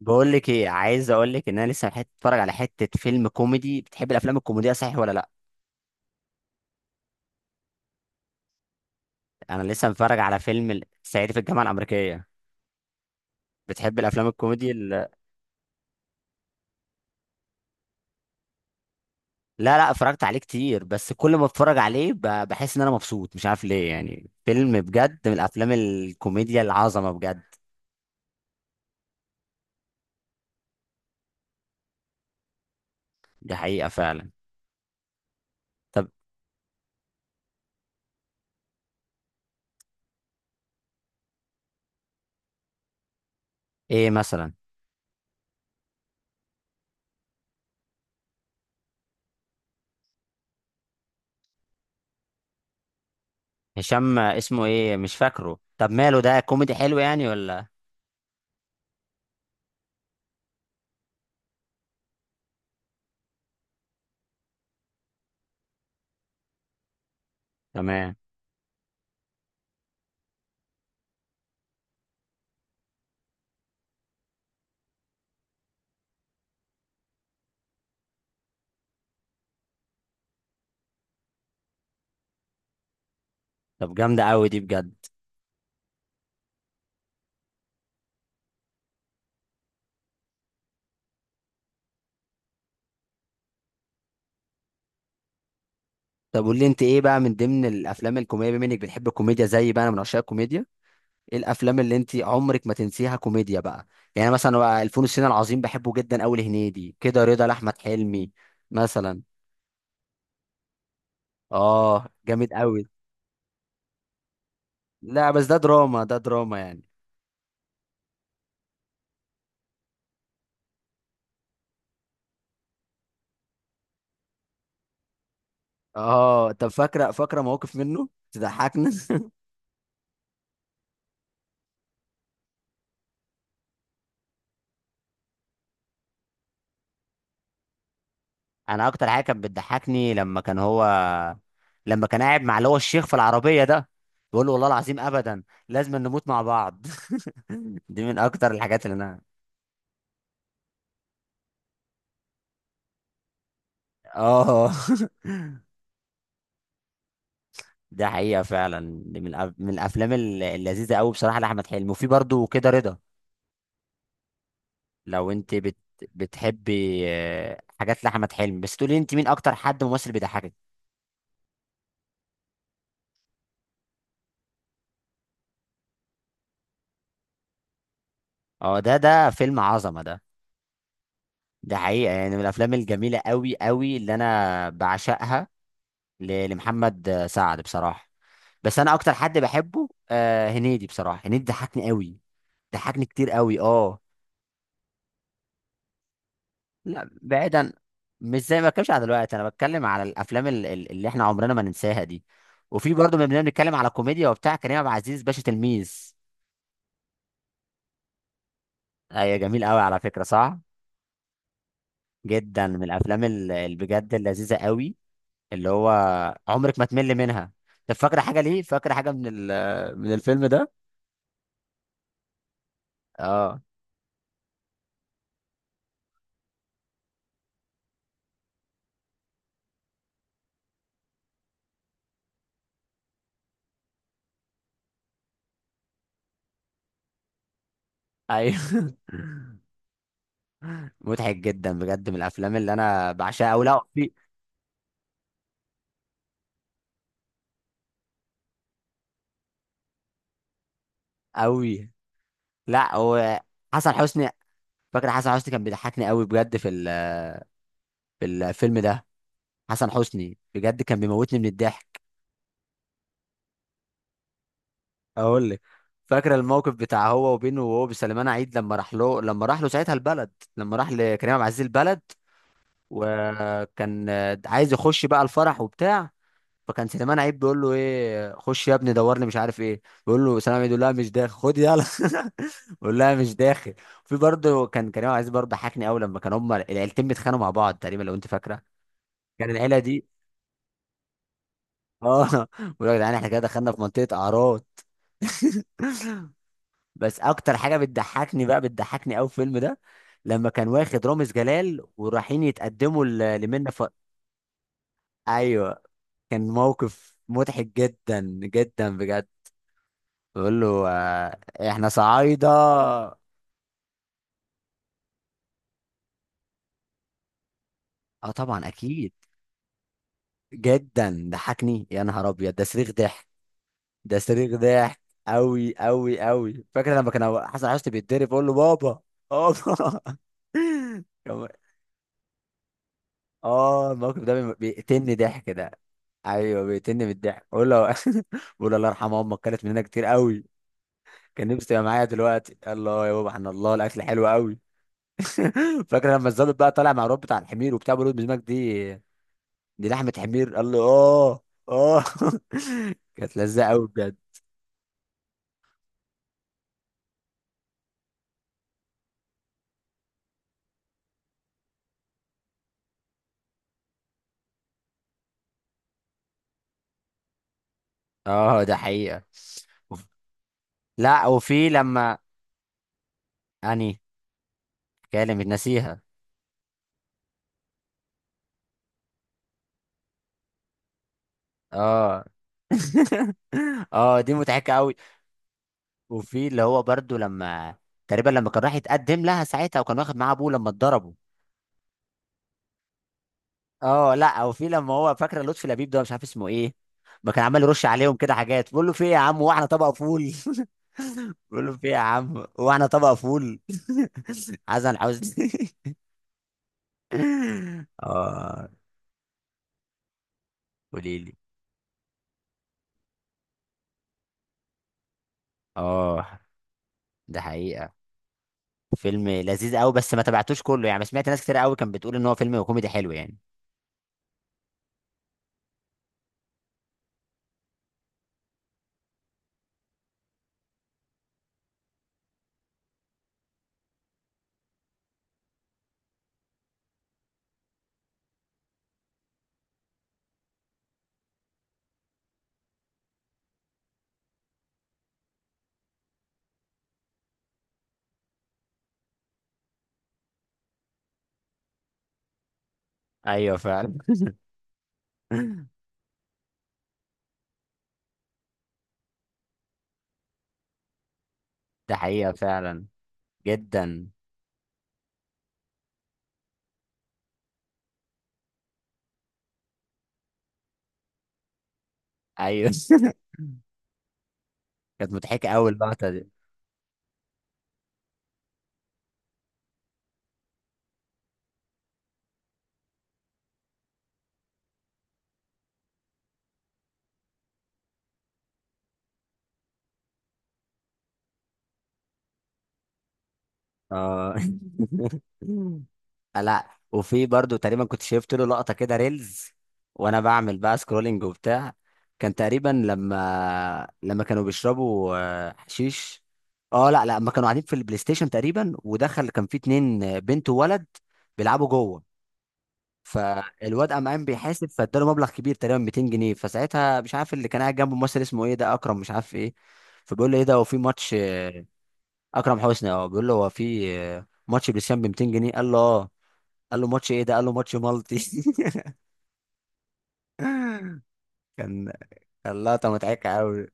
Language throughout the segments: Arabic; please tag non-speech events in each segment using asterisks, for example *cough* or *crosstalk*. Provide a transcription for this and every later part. بقول لك ايه، عايز اقول لك ان انا لسه اتفرج على حته فيلم كوميدي. بتحب الافلام الكوميديه صحيح ولا لا؟ انا لسه متفرج على فيلم صعيدي في الجامعه الامريكيه. بتحب الافلام الكوميدي لا لا، اتفرجت عليه كتير، بس كل ما اتفرج عليه بحس ان انا مبسوط، مش عارف ليه. يعني فيلم بجد، من الافلام الكوميديا العظمه بجد. دي حقيقه فعلا. طب ايه مثلا؟ هشام اسمه ايه مش فاكره. طب ماله ده كوميدي حلو يعني ولا؟ تمام. طب جامده قوي دي بجد. طب قول لي انت ايه بقى، من ضمن الافلام الكوميديا، بما انك بتحب الكوميديا زي بقى. انا من عشاق الكوميديا. ايه الافلام اللي انت عمرك ما تنسيها كوميديا بقى؟ يعني أنا مثلا بقى، الفول الصين العظيم بحبه جدا قوي، لهنيدي، كده رضا، لاحمد حلمي مثلا. اه جامد قوي. لا بس ده دراما، ده دراما يعني. اه طب فاكره، فاكره مواقف منه تضحكنا *laughs* انا اكتر حاجه كانت بتضحكني لما كان قاعد مع اللي هو الشيخ في العربيه ده، بيقول له والله العظيم ابدا لازم نموت مع بعض *laughs* دي من اكتر الحاجات اللي انا. اه *laughs* ده حقيقة فعلا. دي من الافلام اللذيذة قوي بصراحة، لاحمد حلمي. وفي برضه كده رضا. لو انت بتحبي حاجات لاحمد حلمي. بس تقولي انت مين اكتر حد ممثل بيضحكك؟ اه، ده فيلم عظمة ده. ده حقيقة يعني من الافلام الجميلة قوي قوي اللي انا بعشقها، لمحمد سعد بصراحة. بس انا اكتر حد بحبه هنيدي بصراحة. هنيدي ضحكني قوي، ضحكني كتير قوي اه. لا بعيدا، مش زي ما بتكلمش على دلوقتي، انا بتكلم على الافلام اللي احنا عمرنا ما ننساها دي. وفي برضه لما بنتكلم على كوميديا وبتاع، كريم عبد العزيز، باشا تلميذ. ايوه جميل قوي على فكره صح. جدا، من الافلام بجد اللذيذه قوي، اللي هو عمرك ما تمل منها. طب فاكره حاجه ليه؟ فاكره حاجه من الفيلم ده؟ اه، ايوه *laughs* مضحك جدا بجد، من الافلام اللي انا بعشقها قوي. لا في قوي. لا هو حسن حسني، فاكر حسن حسني كان بيضحكني قوي بجد في الفيلم ده. حسن حسني بجد كان بيموتني من الضحك. اقول لك، فاكره الموقف بتاع هو وبينه، وهو بسليمان عيد، لما راح له ساعتها البلد، لما راح لكريم عبد العزيز البلد، وكان عايز يخش بقى الفرح وبتاع. فكان سليمان عيد بيقول له ايه خش يا ابني دور لي مش عارف ايه، بيقول له سليمان عيد، يقول لها مش داخل، خد يلا *laughs* بيقول لها مش داخل. في برضه كان كريم عبد العزيز برضه ضحكني قوي، لما كان هما العيلتين بيتخانقوا مع بعض تقريبا، لو انت فاكره، كان العيله دي، اه بقول لك يا جدعان احنا كده دخلنا في منطقه اعراض *laughs* بس اكتر حاجه بتضحكني بقى، بتضحكني قوي في الفيلم ده، لما كان واخد رامز جلال ورايحين يتقدموا لمنة ايوه، كان موقف مضحك جدا جدا بجد. بقول له احنا صعايده. اه طبعا اكيد. جدا ضحكني، يا نهار ابيض، ده صريخ ضحك. ده صريخ ضحك قوي قوي قوي. فاكر لما كان حسن حسني بيتضرب بقول له بابا، بابا *laughs* كان اه الموقف ده بيقتلني ضحك ده. ايوه بيقتلني من الضحك، بقول له *laughs* بقول له الله يرحم امك، كانت مننا كتير قوي، كان نفسي تبقى معايا دلوقتي. الله يا بابا، احنا الله، الاكل حلو قوي *laughs* فاكر لما الظابط بقى طالع مع الواد بتاع الحمير وبتاع، بيقول له بالنسبه لك دي لحمه حمير، قال له اه، اه *laughs* كانت لذيذه قوي بجد. اه، ده حقيقه. لا، وفي لما اني كلمة نسيها. اه *laughs* اه دي مضحكه قوي. وفي اللي هو برضو، لما تقريبا لما كان راح يتقدم لها ساعتها، وكان واخد معاه ابوه لما اتضربوا. اه لا، وفي لما هو فاكره لطفي لبيب ده، مش عارف اسمه ايه، ما كان عمال يرش عليهم كده حاجات، بيقول له في ايه يا عم واحنا طبق فول *laughs* بيقول له في ايه يا عم واحنا طبق فول *laughs* حسن حسني *laughs* اه، قولي لي. اه، ده حقيقة. فيلم لذيذ قوي، بس ما تابعتوش كله يعني، سمعت ناس كتير قوي كانت بتقول ان هو فيلم كوميدي حلو يعني. ايوه فعلا *laughs* ده حقيقة فعلا. جدا. ايوه *laughs* كانت مضحكه قوي اللقطه دي. اه *laughs* لا وفي برضو تقريبا كنت شفت له لقطه كده ريلز، وانا بعمل بقى سكرولينج وبتاع. كان تقريبا لما كانوا بيشربوا حشيش. اه لا لا، لما كانوا قاعدين في البلاي ستيشن تقريبا، ودخل كان في اتنين، بنت وولد بيلعبوا جوه. فالواد قام قايم بيحاسب، فاداله مبلغ كبير تقريبا 200 جنيه. فساعتها مش عارف اللي كان قاعد جنبه ممثل اسمه ايه ده، اكرم مش عارف ايه، فبيقول له ايه ده، هو في ماتش اكرم حسني، اه، بيقول له هو في ماتش بلسان ب 200 جنيه؟ قال له اه، قال له ماتش ايه ده؟ قال له ماتش مالتي *laughs* كان، كان لقطه مضحكه قوي.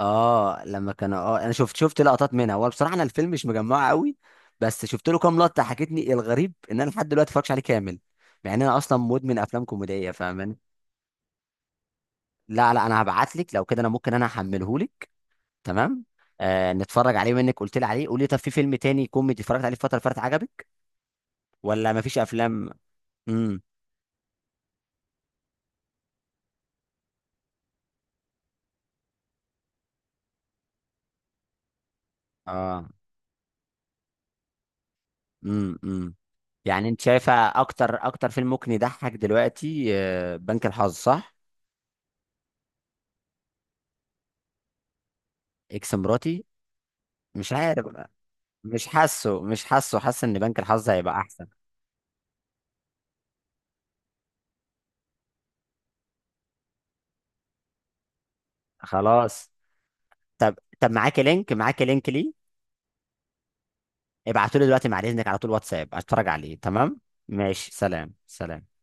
اه لما كان، انا شفت لقطات منها، هو بصراحه انا الفيلم مش مجمعه قوي، بس شفت له كام لقطه حكيتني. الغريب ان انا لحد دلوقتي ما اتفرجش عليه كامل، مع ان انا اصلا مدمن افلام كوميديه فاهماني. لا لا، انا هبعت لك لو كده، انا ممكن، انا هحمله لك تمام. نتفرج عليه منك، قلت لي عليه. قولي، طب في فيلم تاني كوميدي اتفرجت عليه الفتره اللي فاتت عجبك، ولا مفيش افلام؟ امم اه امم امم يعني انت شايفه اكتر فيلم ممكن يضحك دلوقتي بنك الحظ صح؟ اكس مراتي؟ مش عارف. مش حاسه مش حاسه حاسس ان بنك الحظ هيبقى احسن. خلاص. طب معاكي لينك ليه؟ ابعتولي دلوقتي بعد اذنك، على طول واتساب اتفرج عليه. تمام، ماشي، سلام سلام.